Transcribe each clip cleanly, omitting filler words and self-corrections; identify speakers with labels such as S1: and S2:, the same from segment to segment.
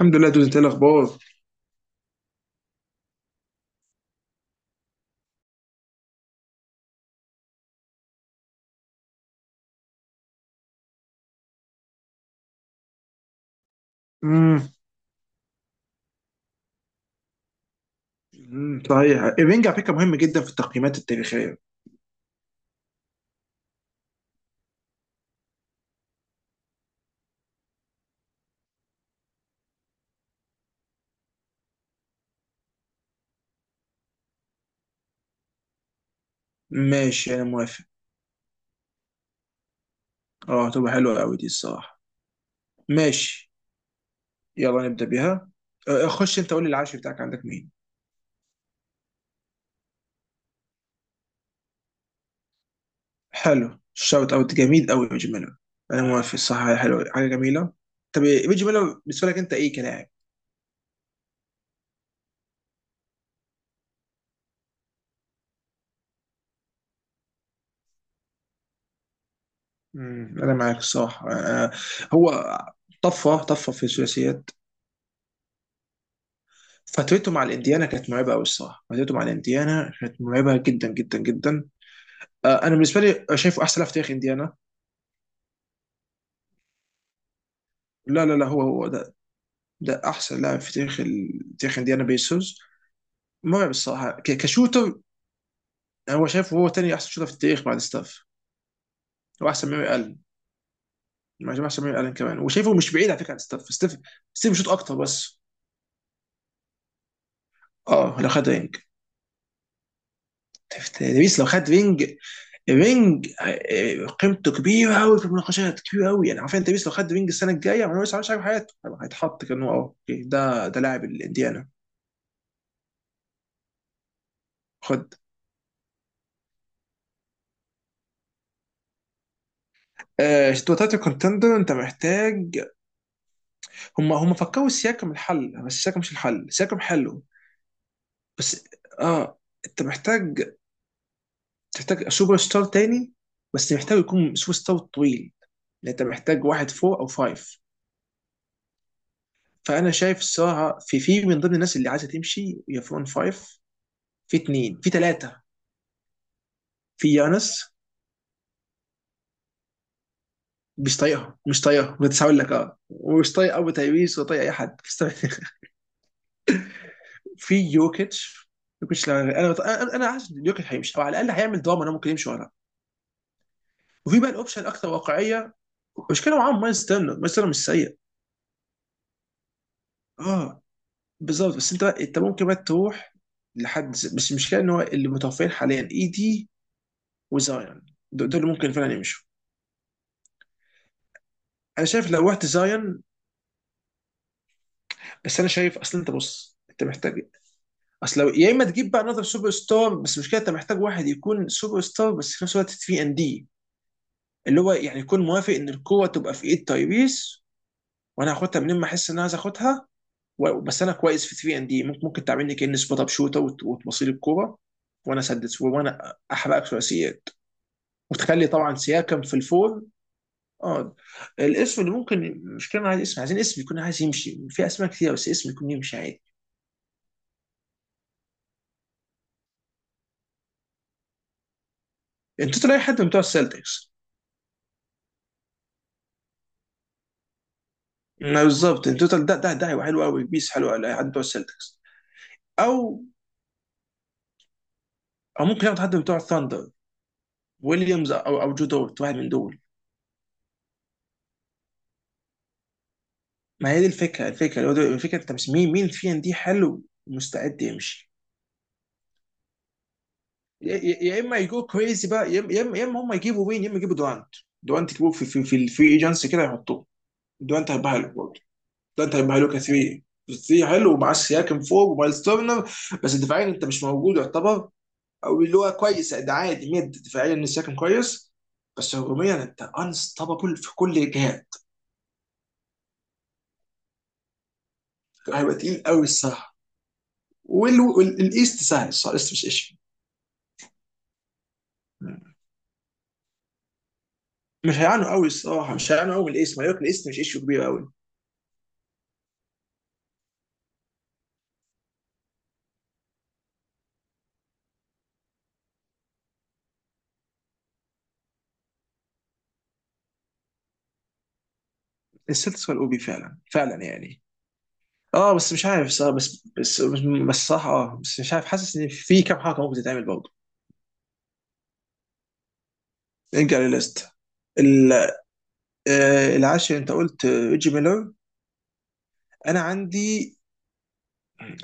S1: الحمد لله دوز، انت ايه الاخبار؟ امم أمم، صحيح الرينج على فكره مهم جدا في التقييمات التاريخيه. ماشي انا موافق. اه هتبقى حلوه قوي دي الصراحه. ماشي، يلا نبدا بيها. خش انت قول لي العاشر بتاعك عندك مين؟ حلو، شوت اوت جميل قوي يا ريجي ميلر. انا موافق، صح، حلو، حاجه جميله. طب ريجي ميلر بالنسبه لك انت ايه كلاعب؟ انا معاك الصراحه. هو طفره طفره في الثلاثيات. فترته مع الانديانا كانت مرعبه قوي الصراحه، فترته مع الانديانا كانت مرعبه جدا جدا جدا. انا بالنسبه لي شايفه احسن لاعب في تاريخ انديانا. لا لا لا، هو هو ده احسن لاعب في تاريخ انديانا بيسوس. مرعب الصراحه كشوتر. هو شايفه هو تاني احسن شوتر في التاريخ بعد ستاف. هو احسن من ميري الن، مع جماعه احسن من ميري الن كمان، وشايفه مش بعيد على فكره عن ستاف ستيف. ستيف بيشوط اكتر بس. اه لو خد رينج. تبيس لو خد رينج. رينج، قيمته كبيره قوي في المناقشات، كبيره قوي يعني. عارفين تبيس لو خد رينج السنه الجايه، ما هو لسه مش عارف حياته. هيتحط كانه أوكي، ده ده لاعب الانديانا. خد، وتلاته كونتندر انت محتاج. هم فكروا السياكم الحل، بس السياكم مش الحل، السياكم حلو بس. اه انت محتاج، تحتاج سوبر ستار تاني، بس محتاج يكون سوبر ستار طويل. يعني انت محتاج واحد فور او فايف. فانا شايف الصراحه في من ضمن الناس اللي عايزه تمشي يا فون فايف، في اتنين في ثلاثه. في يانس، مش طايقهم مش طايقهم، بس هقول لك اه ومش طايق ابو تايويس ولا طايق اي حد. في يوكيتش. انا حاسس إن يوكيتش هيمشي او على الاقل هيعمل دراما انه ممكن يمشي وراه. وفي بقى الاوبشن الاكثر واقعيه، المشكله معاهم مايلز تيرنر، مايلز تيرنر مش سيء. اه بالظبط، بس انت ممكن بقى تروح بس المشكله ان هو اللي متوفرين حاليا اي دي وزايون، دول اللي ممكن فعلا يمشوا. انا شايف لو رحت زايون. بس انا شايف، اصل انت بص انت محتاج، اصل لو يا اما تجيب بقى نظر سوبر ستار، بس المشكله انت محتاج واحد يكون سوبر ستار بس في نفس الوقت 3 ان دي، اللي هو يعني يكون موافق ان القوه تبقى في ايد تايبيس. وانا هاخدها منين ما احس ان انا عايز اخدها. بس انا كويس في 3 ان دي، ممكن تعملني كاني سبوت اب شوتر، وتبصيل الكوره وانا اسدد وانا احرقك ثلاثيات. وتخلي طبعا سياكم في الفور. اه الاسم اللي ممكن، مش كلنا عايز اسم، عايزين اسم يكون عايز يمشي. في اسماء كتير بس اسم يكون يمشي عادي. التوتال اي حد من بتوع السلتكس. ما بالظبط التوتال ده، ده هيبقى حلو قوي، بيس حلو قوي حد من بتوع السلتكس. او ممكن ياخد حد من بتوع الثاندر، ويليامز او جو دورت، واحد من دول. ما هي دي الفكره، الفكره الفكره انت مش مين فينا دي حلو ومستعد يمشي. يا اما يجو كريزي بقى، يا اما يا اما يا إما هم يجيبوا مين، يا اما يجيبوا دوانت. دوانت يجيبوه في في الفري ايجنسي كده يحطوه، دوانت هيبقى حلو برضه. دوانت هيبقى حلو ك 3. 3 حلو، ومعاه سياكن فوق ومايلز تورنر. بس دفاعيا انت مش موجود يعتبر. او اللي هو كويس ده، عادي ميد دفاعيا ان سياكن كويس، بس هجوميا انت انستوبابل في كل الجهات. هيبقى تقيل قوي الصراحه. والايست سهل الصراحه، الايست مش ايش. مش هيعانوا قوي الصراحه، مش هيعانوا قوي من الاسم، هياكل، الاسم مش ايشو كبير قوي. السلتكس والاو بي فعلا فعلا يعني. اه بس مش عارف صراحة، بس صح. اه بس مش عارف، حاسس ان في كام حركه ممكن تتعمل برضه. نرجع للليست. ال- العاشر انت قلت ريجي ميلر. انا عندي،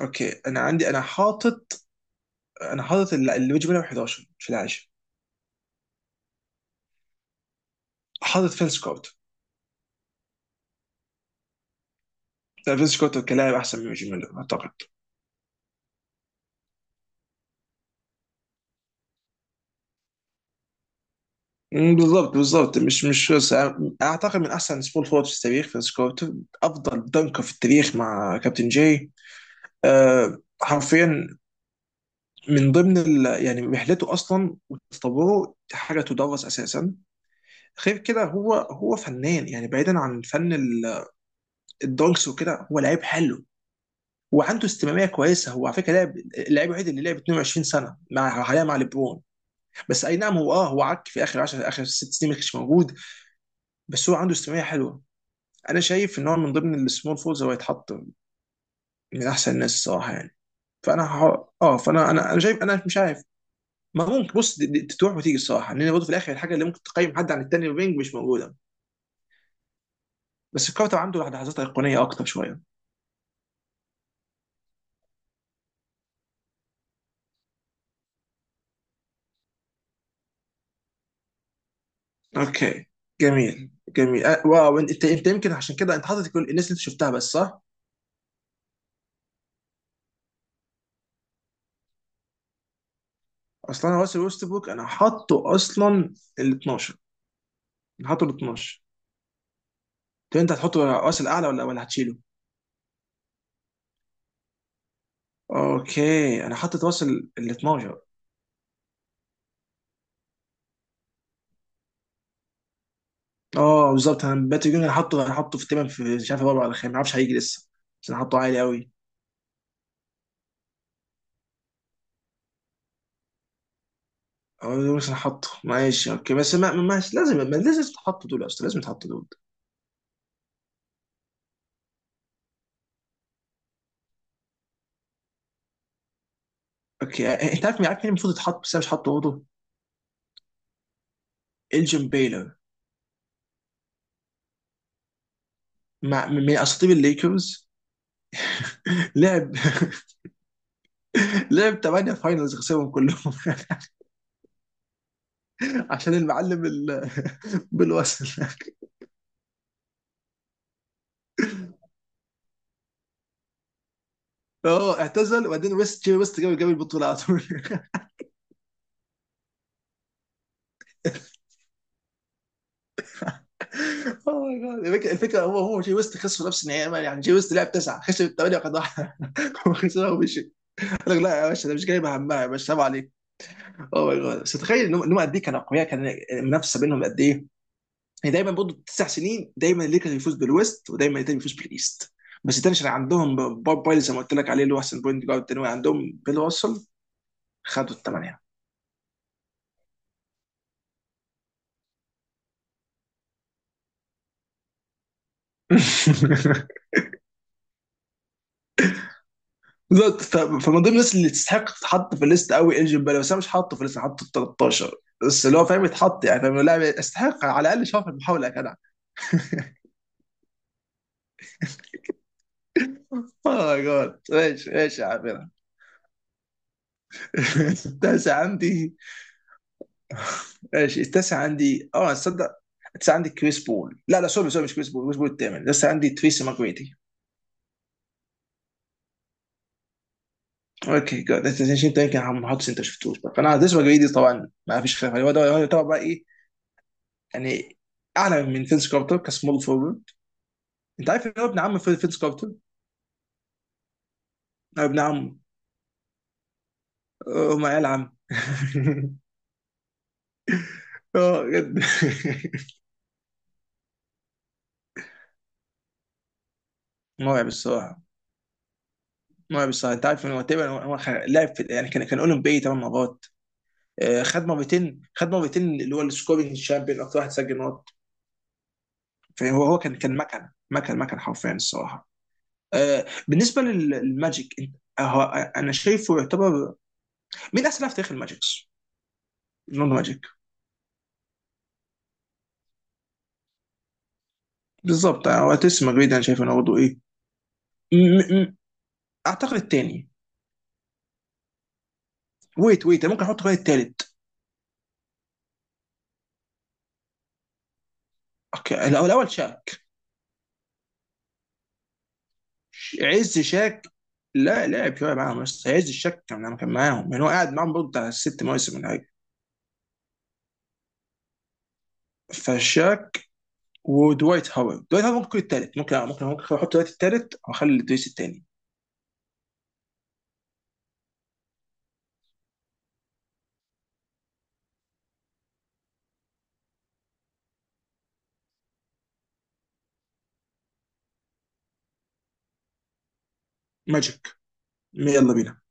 S1: اوكي انا عندي، انا حاطط، ريجي ميلر 11 في العاشر. حاطط فينس كارتر. لا فينس كارتر كلاعب احسن من ريجي ميلر اعتقد. بالظبط بالظبط، مش بس اعتقد من احسن سبول فورد في التاريخ في سكوت. افضل دنكر في التاريخ مع كابتن جاي. أه حرفيا، من ضمن يعني رحلته اصلا وتطوره حاجه تدرس اساسا. غير كده هو هو فنان يعني، بعيدا عن الدونكس وكده، هو لعيب حلو وعنده استمراريه كويسه. هو على فكره لعب، اللعيب الوحيد اللي لعب 22 سنه مع، حاليا مع ليبرون. بس اي نعم هو، اه هو عك في اخر 10، اخر ست سنين ما كانش موجود. بس هو عنده استمراريه حلوه. انا شايف ان هو من ضمن السمول فولز هو يتحط من احسن الناس الصراحه يعني. فانا ح... اه فانا انا شايف انا مش عارف. ما ممكن بص، دي تروح وتيجي الصراحه، لان برضه في الاخر الحاجه اللي ممكن تقيم حد عن التاني وبينج مش موجوده. بس الكارتر عنده لحظات ايقونيه اكتر شويه. اوكي جميل جميل، أه واو، انت انت يمكن عشان كده انت حاطط كل الناس اللي انت شفتها بس صح؟ اصلا انا راسل ويستبروك انا حاطه اصلا ال 12. انا حاطه ال 12. طب انت هتحطه راسل اعلى ولا هتشيله؟ اوكي انا حاطط راسل ال 12. اه بالظبط، انا باتي جون انا حاطه، انا حاطه في تمام، في مش عارف رابع ولا خامس، ما اعرفش هيجي لسه. بس انا حاطه عالي قوي. اه بس انا حاطه ماشي اوكي، بس ما ماشي، لازم ما لازم تتحط دول، اصلا لازم تتحط دول. اوكي انت عارف مين، عارف مين المفروض يتحط بس انا مش حاطه برضه. الجيم بيلر، مع من اساطير الليكرز. لعب. لعب 8 فاينلز خسرهم كلهم. عشان المعلم بالوصل. اه اعتزل وبعدين ويست، جي ويست جاب البطوله على طول. اوه ماي جاد الفكره، الفكرة هو، هو جي ويست خسروا نفس النهائي يعني، جي ويست لعب تسعه خسر الثمانيه وخد واحده وخسرها ومشي. قال لك لا يا باشا ده مش جايبه همها يا باشا، سلام عليك. اوه ماي جاد بس تخيل إنهم قد ايه كانوا اقوياء، كان المنافسه بينهم قد ايه. يعني دايما برضه تسع سنين، دايما الليكرز يفوز بالويست ودايما التاني يفوز بالايست. بس التاني عشان عندهم بوب بايلي زي ما قلت لك عليه اللي هو احسن بوينت جارد، الثانوي عندهم بيل وصل، خدوا الثمانيه. بالظبط، فمن ضمن الناس اللي تستحق تتحط في الليست قوي انجن بلا، بس انا مش حاطه في الليست، حاطه في 13. بس اللي هو فاهم يتحط يعني، فاهم لاعب يستحق على الاقل شاف المحاوله يا جدع. اوه ماي جاد ماشي ماشي يا عمنا. التاسع عندي، ماشي التاسع عندي اه، تصدق التاسع عندي كريس بول، لا لا سوري سوري مش كريس بول، كريس بول الثامن لسه، عندي تريسي ماجريدي. اوكي جود، انت انت يمكن ما حطش، انت شفتوش بقى. فانا تريسي ماجريدي طبعا ما فيش خلاف عليه، هو ده هو ده بقى ايه يعني، اعلى من فينس كارتر كسمول فورورد. انت عارف ان هو ابن عم فينس كارتر؟ ابن عمه. هم عيال عم. اه جد. مرعب الصراحه، مرعب الصراحه. انت عارف انه تقريبا هو لعب في، يعني كان اولمبي ثمان مرات. خد مرتين، خد مرتين اللي هو السكورينج شامبيون، اكتر واحد سجل نقط. فهو هو كان مكنه، مكن حرفيا الصراحه. بالنسبه للماجيك انت انا شايفه يعتبر، مين احسن لاعب في تاريخ الماجيكس؟ لوندو ماجيك. بالظبط يعني هو تيس مجريد، انا شايف انه برضه ايه. م- م- م- اعتقد الثاني. ويت أنا ممكن احط كمان الثالث. اوكي الاول شاك. عز شاك. لا لعب شويه معاهم بس عز الشاك كان لما كان معاهم، يعني هو قاعد معاهم برضه بتاع ست مواسم ولا حاجه. فشاك ودوايت هاورد، دوايت هاورد ممكن يكون التالت، ممكن ممكن احط دلوقتي التالت واخلي دويس التاني. ماجيك. يلا بينا.